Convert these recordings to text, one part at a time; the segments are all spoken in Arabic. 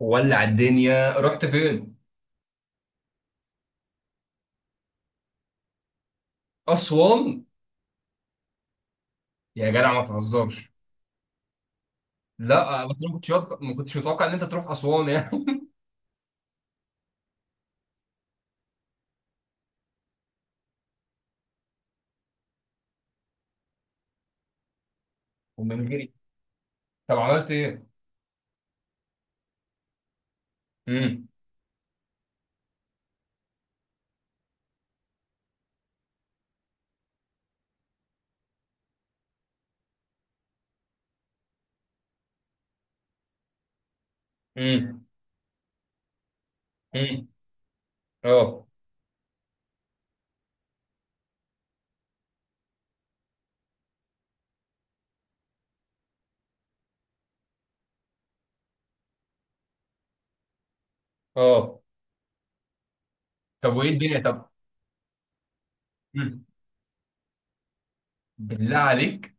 ولع الدنيا، رحت فين؟ أسوان. يا جدع، ما تهزرش. لا، بس أنا ما كنتش متوقع إن أنت تروح أسوان يعني. ومن غيري؟ طب عملت إيه؟ امم. امم. امم. أه. أه. طب وإيه الدنيا طب؟ مم. بالله عليك.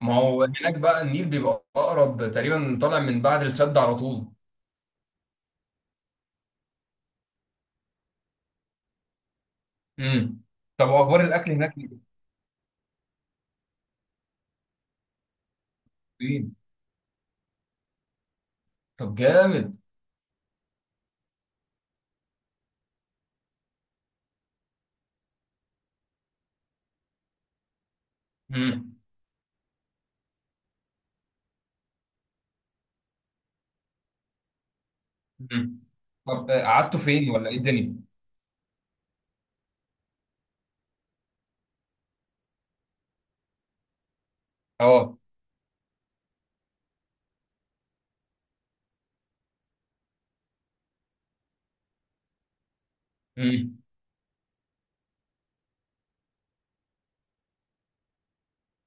ما هو هناك بقى النيل بيبقى أقرب تقريبا، طالع من بعد السد على طول. امم. طب وأخبار الأكل هناك؟ فين؟ طب جامد. امم. امم. طب قعدتوا فين ولا إيه الدنيا؟ أه. امم.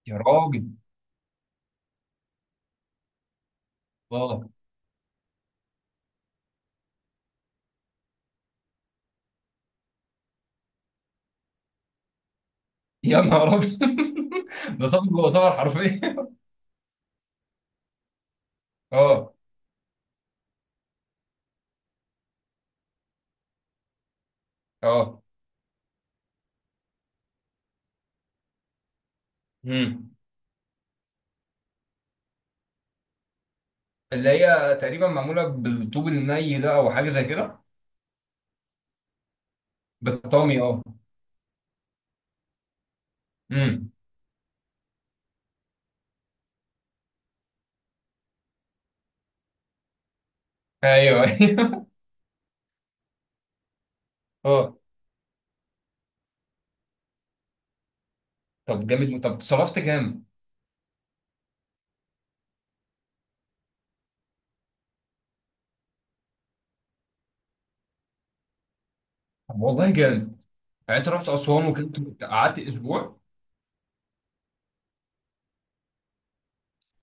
يا راجل. اه. يا نهار ابيض. ده صبغ جوه صبغ حرفيا. اه. اه. امم. اللي هي تقريبا معموله بالطوب الني ده، او حاجه زي كده. بالطامي، اه. امم. ايوه، ايوه. اه. طب جامد، طب صرفت كام؟ طب والله جامد. يعني انت رحت اسوان وكنت قعدت اسبوع.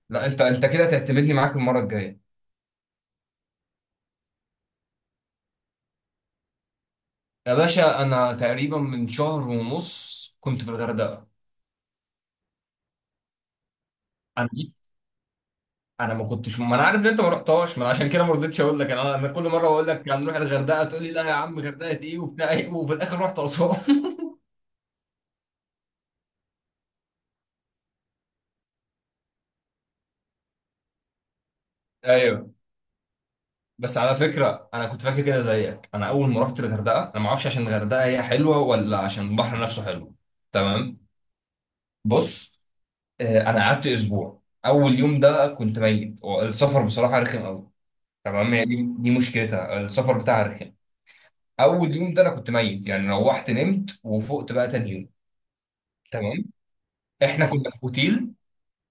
لا، انت كده تعتمدني معاك المره الجايه. يا باشا، انا تقريبا من شهر ونص كنت في الغردقه. انا انا ما كنتش، ما انا عارف ان انت ما رحتهاش، ما انا عشان كده ما رضيتش اقول لك. انا انا كل مره اقول لك هنروح الغردقه، تقول لي لا يا عم، غردقه ايه وبتاع ايه، وفي الاخر رحت اسوان. ايوه. بس على فكره، انا كنت فاكر كده زيك. انا اول ما رحت الغردقه انا ما اعرفش عشان الغردقه هي حلوه، ولا عشان البحر نفسه حلو. تمام. بص. انا قعدت اسبوع. اول يوم ده كنت ميت، السفر بصراحه رخم قوي. تمام، هي دي مشكلتها، السفر بتاعها رخم. اول يوم ده انا كنت ميت، يعني روحت نمت وفقت بقى تاني يوم. تمام. احنا كنا في اوتيل.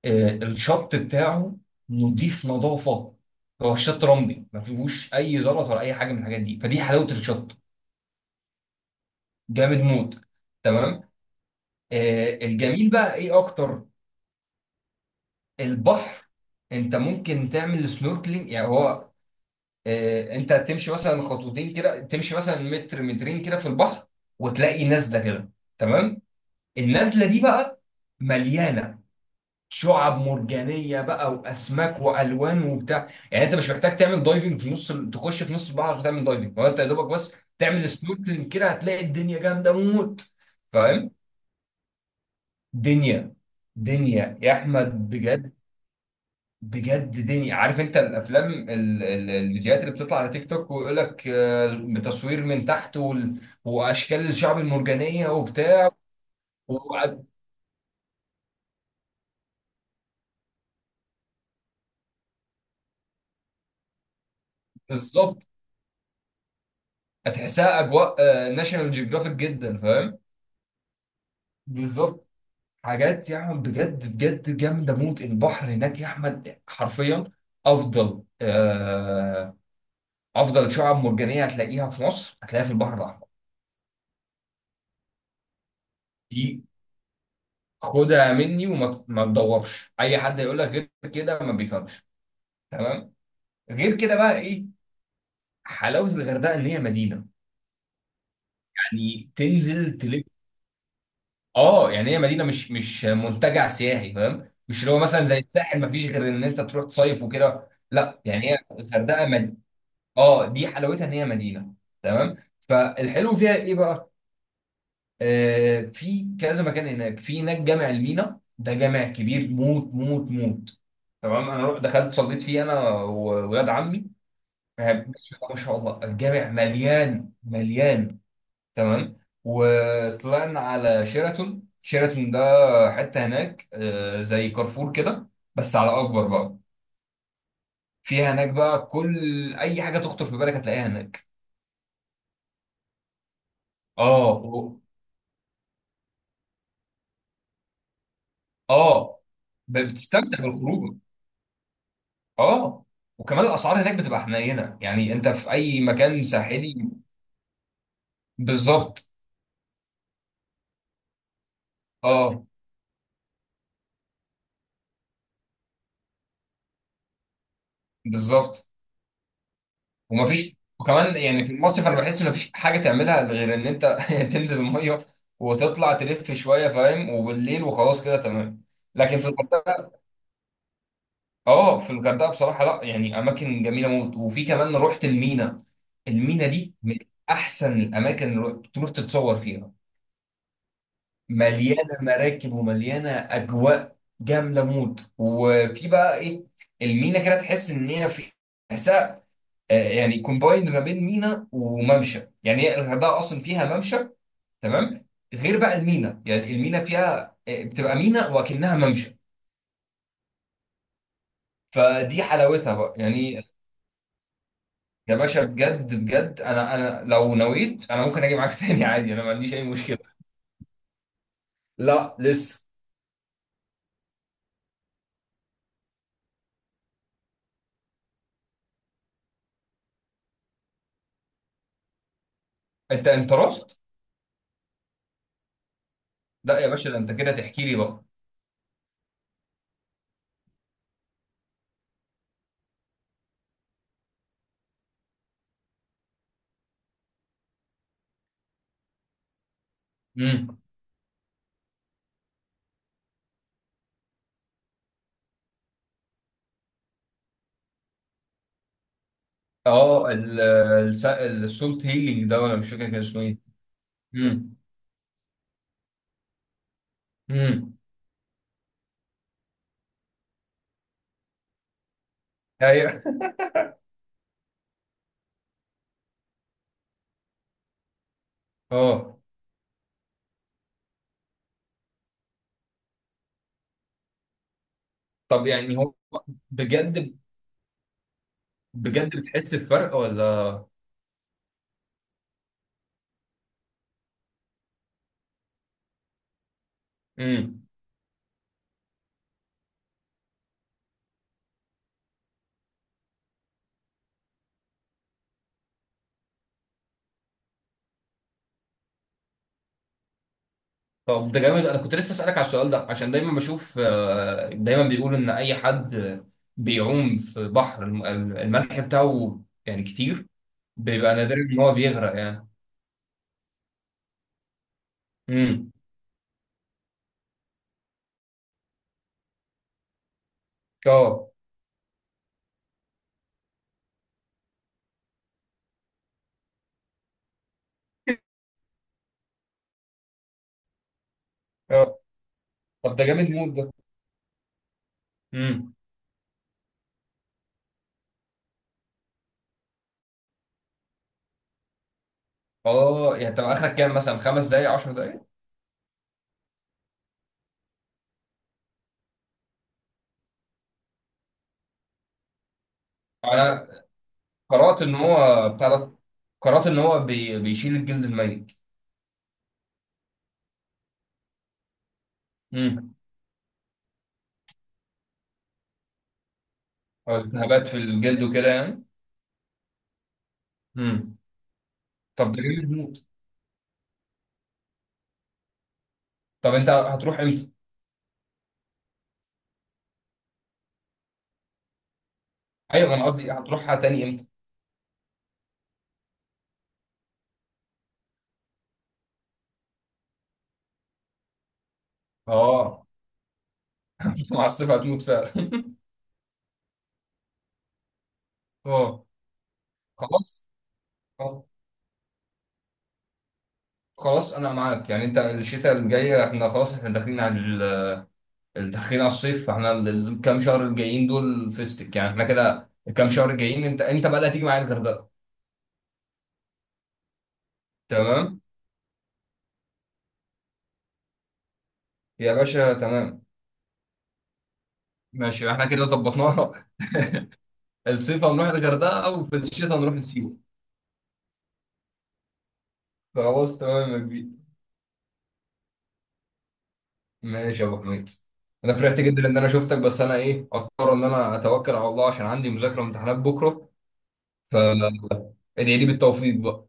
الشط بتاعه نضيف، نظافه. هو الشط رملي، ما فيهوش اي زلط ولا اي حاجه من الحاجات دي، فدي حلاوه الشط. جامد موت. تمام. الجميل بقى ايه اكتر؟ البحر. انت ممكن تعمل سنوركلينج، يعني هو انت تمشي مثلا خطوتين كده، تمشي مثلا متر مترين كده في البحر، وتلاقي نزله كده. تمام. النزله دي بقى مليانه شعاب مرجانيه بقى، واسماك والوان وبتاع. يعني انت مش محتاج تعمل دايفنج في نص تخش في نص البحر وتعمل دايفنج. هو انت يا دوبك بس تعمل سنوركلينج كده، هتلاقي الدنيا جامده موت. فاهم؟ دنيا. دنيا يا احمد، بجد بجد دنيا. عارف انت الافلام الفيديوهات اللي بتطلع على تيك توك، ويقول لك بتصوير من تحت، واشكال الشعب المرجانيه وبتاع. وع- بالظبط، هتحسها اجواء ناشونال جيوغرافيك جدا، فاهم. بالظبط. حاجات يا احمد، بجد بجد جامده موت. البحر هناك يا احمد حرفيا افضل، افضل شعاب مرجانيه هتلاقيها في مصر، هتلاقيها في البحر الاحمر. دي، خدها مني. ما تدورش اي حد يقول لك غير كده، ما بيفهمش. تمام. غير كده بقى ايه؟ حلاوه الغردقه ان هي مدينه، يعني تنزل تلف. اه، يعني هي مدينه، مش منتجع سياحي، فاهم؟ مش اللي هو مثلا زي الساحل، ما فيش غير ان انت تروح تصيف وكده. لا، يعني هي الغردقه. اه، دي حلاوتها ان هي مدينه. تمام. فالحلو فيها ايه بقى؟ في كذا مكان هناك. في هناك جامع المينا، ده جامع كبير موت موت موت. تمام، انا رحت دخلت صليت فيه انا وولاد عمي. بسم الله ما شاء الله، الجامع مليان مليان. تمام. وطلعنا على شيراتون. شيراتون ده حته هناك زي كارفور كده، بس على اكبر بقى. فيها هناك بقى كل اي حاجه تخطر في بالك، هتلاقيها هناك. اه. اه. بتستمتع بالخروج. اه. وكمان الاسعار هناك بتبقى حنينه، يعني انت في اي مكان ساحلي. بالظبط. اه. بالظبط. ومفيش. وكمان يعني في المصيف انا بحس ان مفيش حاجه تعملها غير ان انت تنزل الميه وتطلع تلف شويه، فاهم، وبالليل وخلاص كده تمام. لكن في الغردقه، اه، في الغردقه بصراحه لا، يعني اماكن جميله موت. وفي كمان رحت المينا. المينا دي من احسن الاماكن اللي تروح تتصور فيها. مليانه مراكب ومليانه اجواء جامده موت. وفي بقى ايه، المينا كده تحس ان هي في، تحسها يعني كومبايند ما بين مينا وممشى. يعني هي الغردقه اصلا فيها ممشى. تمام، غير بقى المينا. يعني المينا فيها بتبقى مينا وكأنها ممشى، فدي حلاوتها بقى يعني. يا باشا بجد بجد، انا انا لو نويت انا ممكن اجي معاك تاني عادي، انا ما عنديش اي مشكله. لا لسه. انت رحت. لا يا باشا، ده انت كده تحكي لي بقى. مم. اه السولت هيلينج ده، ولا مش فاكر كان اسمه ايه. امم. امم. ايوه. اه. طب يعني هو بجد، بجد بتحس بفرق ولا؟ امم. طب ده جامد. انا كنت لسه اسالك على السؤال ده، عشان دايما بشوف دايما بيقولوا ان اي حد بيعوم في بحر الملح بتاعه يعني كتير، بيبقى نادر ان هو بيغرق يعني. امم. اه. اه. طب ده جامد موت ده. امم. اه يعني طب اخرك كام؟ مثلا خمس دقايق، 10 دقايق. قرأت إن هو بتاع ده، قرأت إن هو بيشيل الجلد الميت. امم. أو الالتهابات في الجلد وكده يعني. امم. طب ده جامد موت. طب أنت هتروح إمتى؟ أيوه، ما أنا قصدي هتروحها تاني إمتى؟ اه. أنت مع الصيف هتموت فعلا. اه. خلاص. خلاص. خلاص أنا معاك. يعني أنت الشتاء الجاية إحنا خلاص، إحنا داخلين على داخلين على الصيف، فإحنا الكام شهر الجايين دول فيستك. يعني إحنا كده، الكام شهر الجايين أنت بقى اللي هتيجي معايا الغردقة. تمام. يا باشا تمام. ماشي، احنا كده ظبطناها. الصيف هنروح الغردقه، او في الشتاء هنروح سيوه. خلاص تمام يا كبير. ماشي يا ابو حميد. انا فرحت جدا ان انا شفتك، بس انا ايه اضطر ان انا اتوكل على الله عشان عندي مذاكره وامتحانات بكره. فادعي لي بالتوفيق بقى.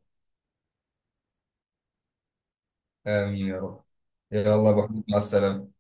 امين يا رب. يلا يا ابو حميد، مع السلامه.